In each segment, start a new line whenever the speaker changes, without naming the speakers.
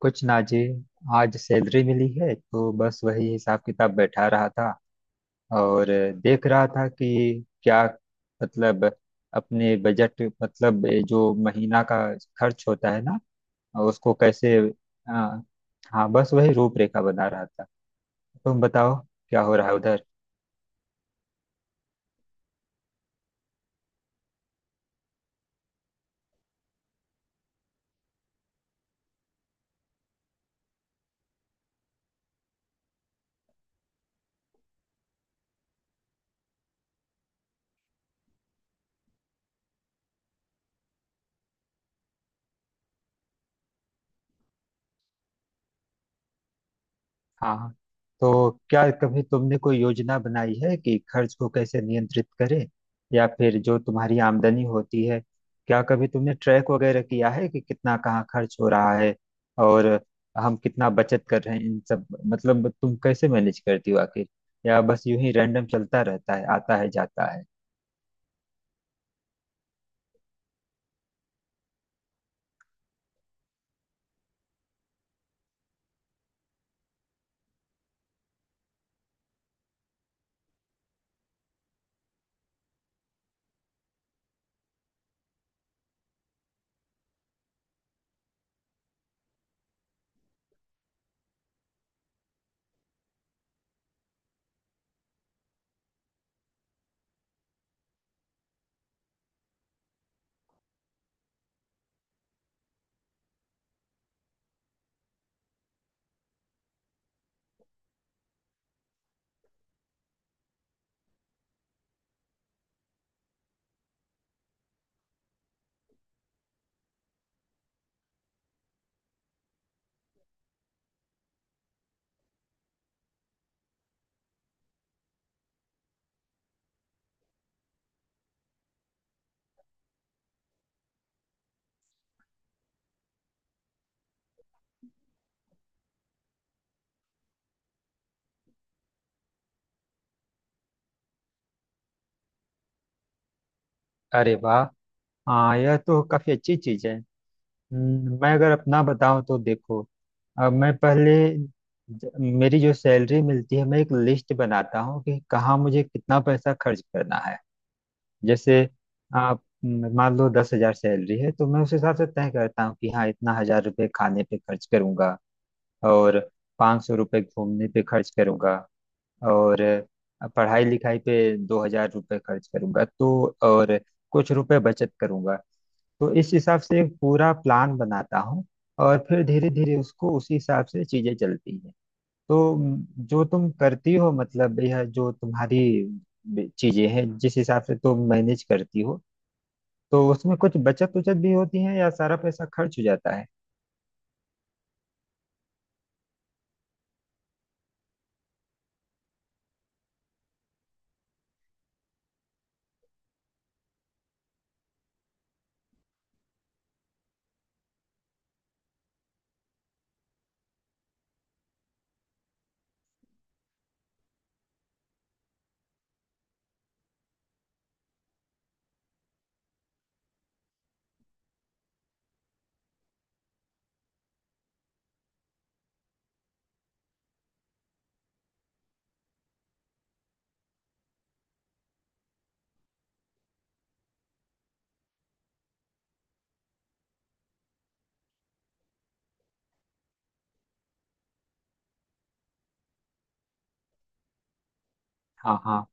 कुछ ना जी। आज सैलरी मिली है तो बस वही हिसाब किताब बैठा रहा था। और देख रहा था कि क्या मतलब अपने बजट मतलब जो महीना का खर्च होता है ना उसको कैसे आ, हाँ बस वही रूपरेखा बना रहा था। तुम बताओ क्या हो रहा है उधर। हाँ, तो क्या कभी तुमने कोई योजना बनाई है कि खर्च को कैसे नियंत्रित करें, या फिर जो तुम्हारी आमदनी होती है क्या कभी तुमने ट्रैक वगैरह किया है कि कितना कहाँ खर्च हो रहा है और हम कितना बचत कर रहे हैं इन सब, मतलब तुम कैसे मैनेज करती हो आखिर, या बस यूं ही रैंडम चलता रहता है, आता है जाता है। अरे वाह, हाँ यह तो काफी अच्छी चीज है। मैं अगर अपना बताऊं तो देखो, अब मैं पहले ज- मेरी जो सैलरी मिलती है मैं एक लिस्ट बनाता हूँ कि कहाँ मुझे कितना पैसा खर्च करना है। जैसे आप मान लो 10 हजार सैलरी है तो मैं उस हिसाब से तय करता हूँ कि हाँ इतना हजार रुपये खाने पे खर्च करूंगा, और 500 रुपये घूमने पे खर्च करूंगा, और पढ़ाई लिखाई पे 2000 रुपये खर्च करूंगा तो और कुछ रुपए बचत करूंगा। तो इस हिसाब से एक पूरा प्लान बनाता हूँ और फिर धीरे धीरे उसको उसी हिसाब से चीजें चलती है। तो जो तुम करती हो मतलब यह जो तुम्हारी चीजें हैं जिस हिसाब से तुम मैनेज करती हो तो उसमें कुछ बचत उचत भी होती है या सारा पैसा खर्च हो जाता है? हाँ हाँ।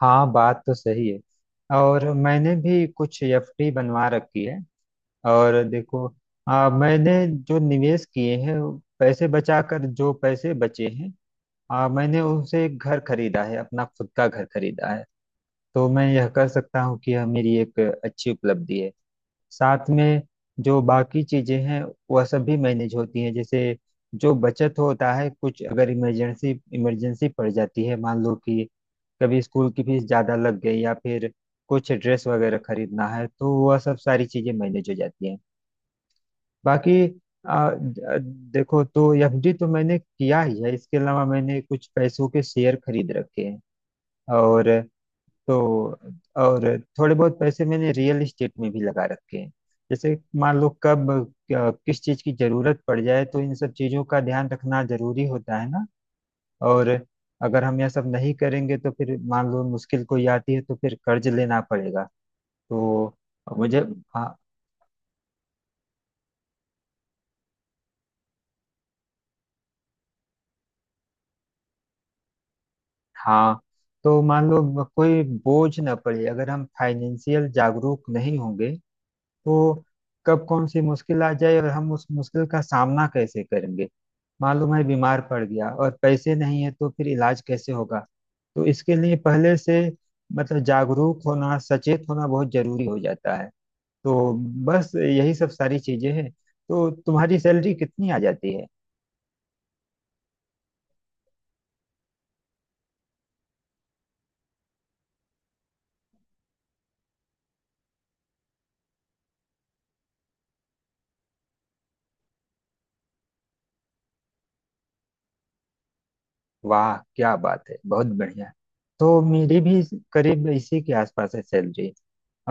हाँ बात तो सही है। और मैंने भी कुछ एफडी बनवा रखी है। और देखो, मैंने जो निवेश किए हैं, पैसे बचाकर जो पैसे बचे हैं, मैंने उनसे एक घर खरीदा है, अपना खुद का घर खरीदा है। तो मैं यह कह सकता हूँ कि यह मेरी एक अच्छी उपलब्धि है। साथ में जो बाकी चीजें हैं वह सब भी मैनेज होती हैं। जैसे जो बचत होता है कुछ, अगर इमरजेंसी इमरजेंसी पड़ जाती है, मान लो कि कभी स्कूल की फीस ज्यादा लग गई या फिर कुछ ड्रेस वगैरह खरीदना है, तो वह सब सारी चीजें मैनेज हो जाती हैं। बाकी आ, द- देखो, तो एफडी तो मैंने किया ही है, इसके अलावा मैंने कुछ पैसों के शेयर खरीद रखे हैं। और तो और, थोड़े बहुत पैसे मैंने रियल एस्टेट में भी लगा रखे हैं। जैसे मान लो कब किस चीज की जरूरत पड़ जाए, तो इन सब चीजों का ध्यान रखना जरूरी होता है ना। और अगर हम यह सब नहीं करेंगे तो फिर मान लो मुश्किल कोई आती है तो फिर कर्ज लेना पड़ेगा। तो मुझे हाँ, हाँ, तो मान लो कोई बोझ ना पड़े, अगर हम फाइनेंशियल जागरूक नहीं होंगे तो कब कौन सी मुश्किल आ जाए, और हम उस मुश्किल का सामना कैसे करेंगे? मान लो मैं बीमार पड़ गया और पैसे नहीं है, तो फिर इलाज कैसे होगा? तो इसके लिए पहले से मतलब जागरूक होना, सचेत होना बहुत जरूरी हो जाता है। तो बस यही सब सारी चीजें हैं। तो तुम्हारी सैलरी कितनी आ जाती है? वाह क्या बात है, बहुत बढ़िया। तो मेरी भी करीब इसी के आसपास है सैलरी।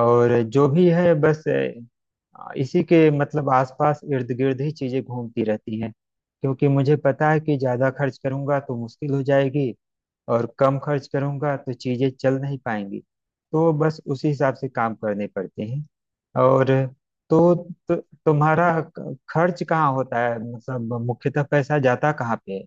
और जो भी है बस इसी के मतलब आसपास इर्द गिर्द ही चीजें घूमती रहती हैं। क्योंकि मुझे पता है कि ज्यादा खर्च करूंगा तो मुश्किल हो जाएगी, और कम खर्च करूंगा तो चीजें चल नहीं पाएंगी। तो बस उसी हिसाब से काम करने पड़ते हैं। और तो, तो तुम्हारा खर्च कहाँ होता है, मतलब मुख्यतः पैसा जाता कहाँ पे है?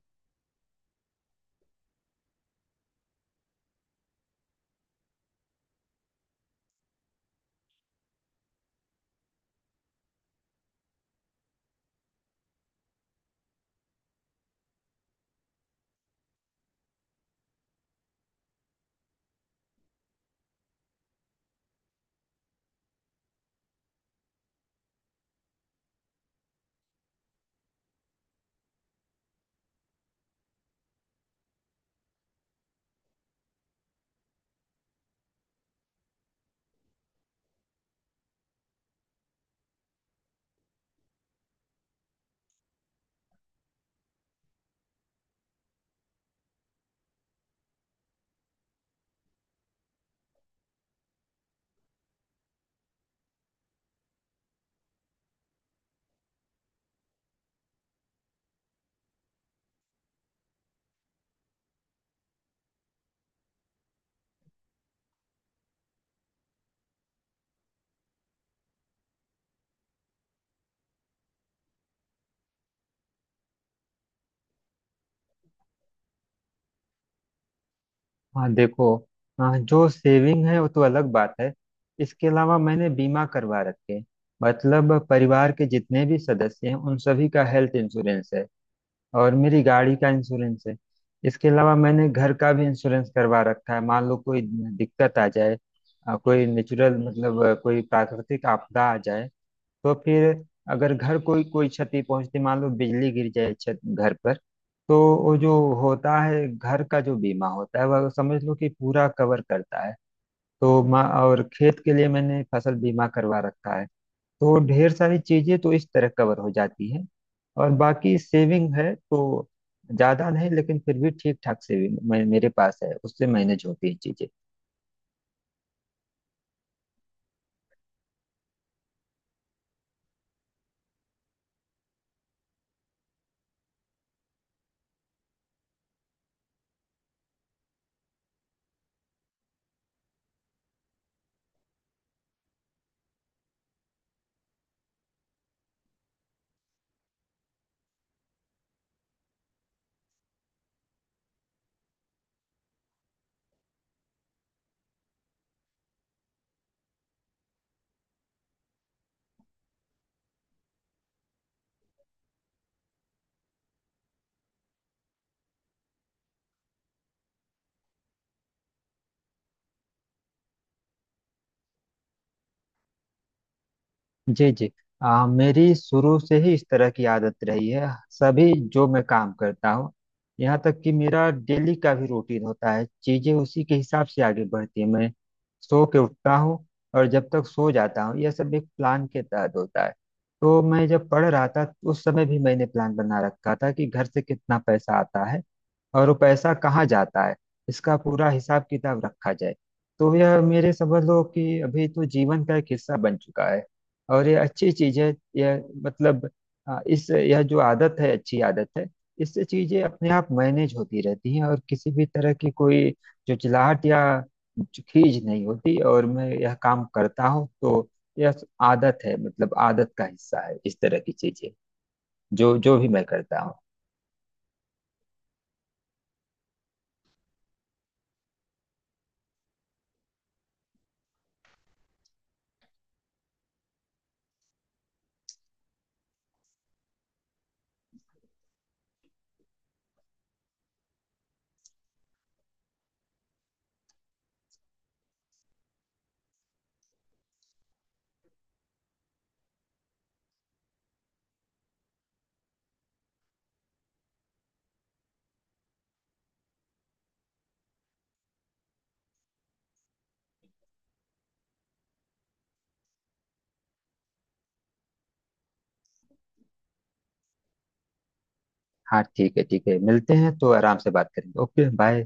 हाँ देखो, हाँ जो सेविंग है वो तो अलग बात है। इसके अलावा मैंने बीमा करवा रखे हैं। मतलब परिवार के जितने भी सदस्य हैं उन सभी का हेल्थ इंश्योरेंस है, और मेरी गाड़ी का इंश्योरेंस है। इसके अलावा मैंने घर का भी इंश्योरेंस करवा रखा है, मान लो कोई दिक्कत आ जाए, कोई नेचुरल कोई प्राकृतिक आपदा आ जाए, तो फिर अगर घर कोई कोई क्षति पहुंचती, मान लो बिजली गिर जाए छत घर पर, तो वो जो होता है घर का जो बीमा होता है वह समझ लो कि पूरा कवर करता है। तो मा और खेत के लिए मैंने फसल बीमा करवा रखा है। तो ढेर सारी चीजें तो इस तरह कवर हो जाती हैं। और बाकी सेविंग है तो ज्यादा नहीं, लेकिन फिर भी ठीक ठाक सेविंग मेरे पास है, उससे मैनेज होती है चीजें। जी जी, मेरी शुरू से ही इस तरह की आदत रही है। सभी जो मैं काम करता हूँ, यहाँ तक कि मेरा डेली का भी रूटीन होता है, चीजें उसी के हिसाब से आगे बढ़ती है। मैं सो के उठता हूँ और जब तक सो जाता हूँ यह सब एक प्लान के तहत होता है। तो मैं जब पढ़ रहा था उस समय भी मैंने प्लान बना रखा था कि घर से कितना पैसा आता है और वो पैसा कहाँ जाता है, इसका पूरा हिसाब किताब रखा जाए। तो यह मेरे समझ लो कि अभी तो जीवन का एक हिस्सा बन चुका है। और ये अच्छी चीज है, यह मतलब, हाँ, इस यह जो आदत है अच्छी आदत है। इससे चीजें अपने आप मैनेज होती रहती हैं और किसी भी तरह की कोई चुचलाहट या खीज नहीं होती। और मैं यह काम करता हूँ, तो यह आदत है, मतलब आदत का हिस्सा है इस तरह की चीजें, जो जो भी मैं करता हूँ। हाँ ठीक है, ठीक है, मिलते हैं तो आराम से बात करेंगे। Okay bye.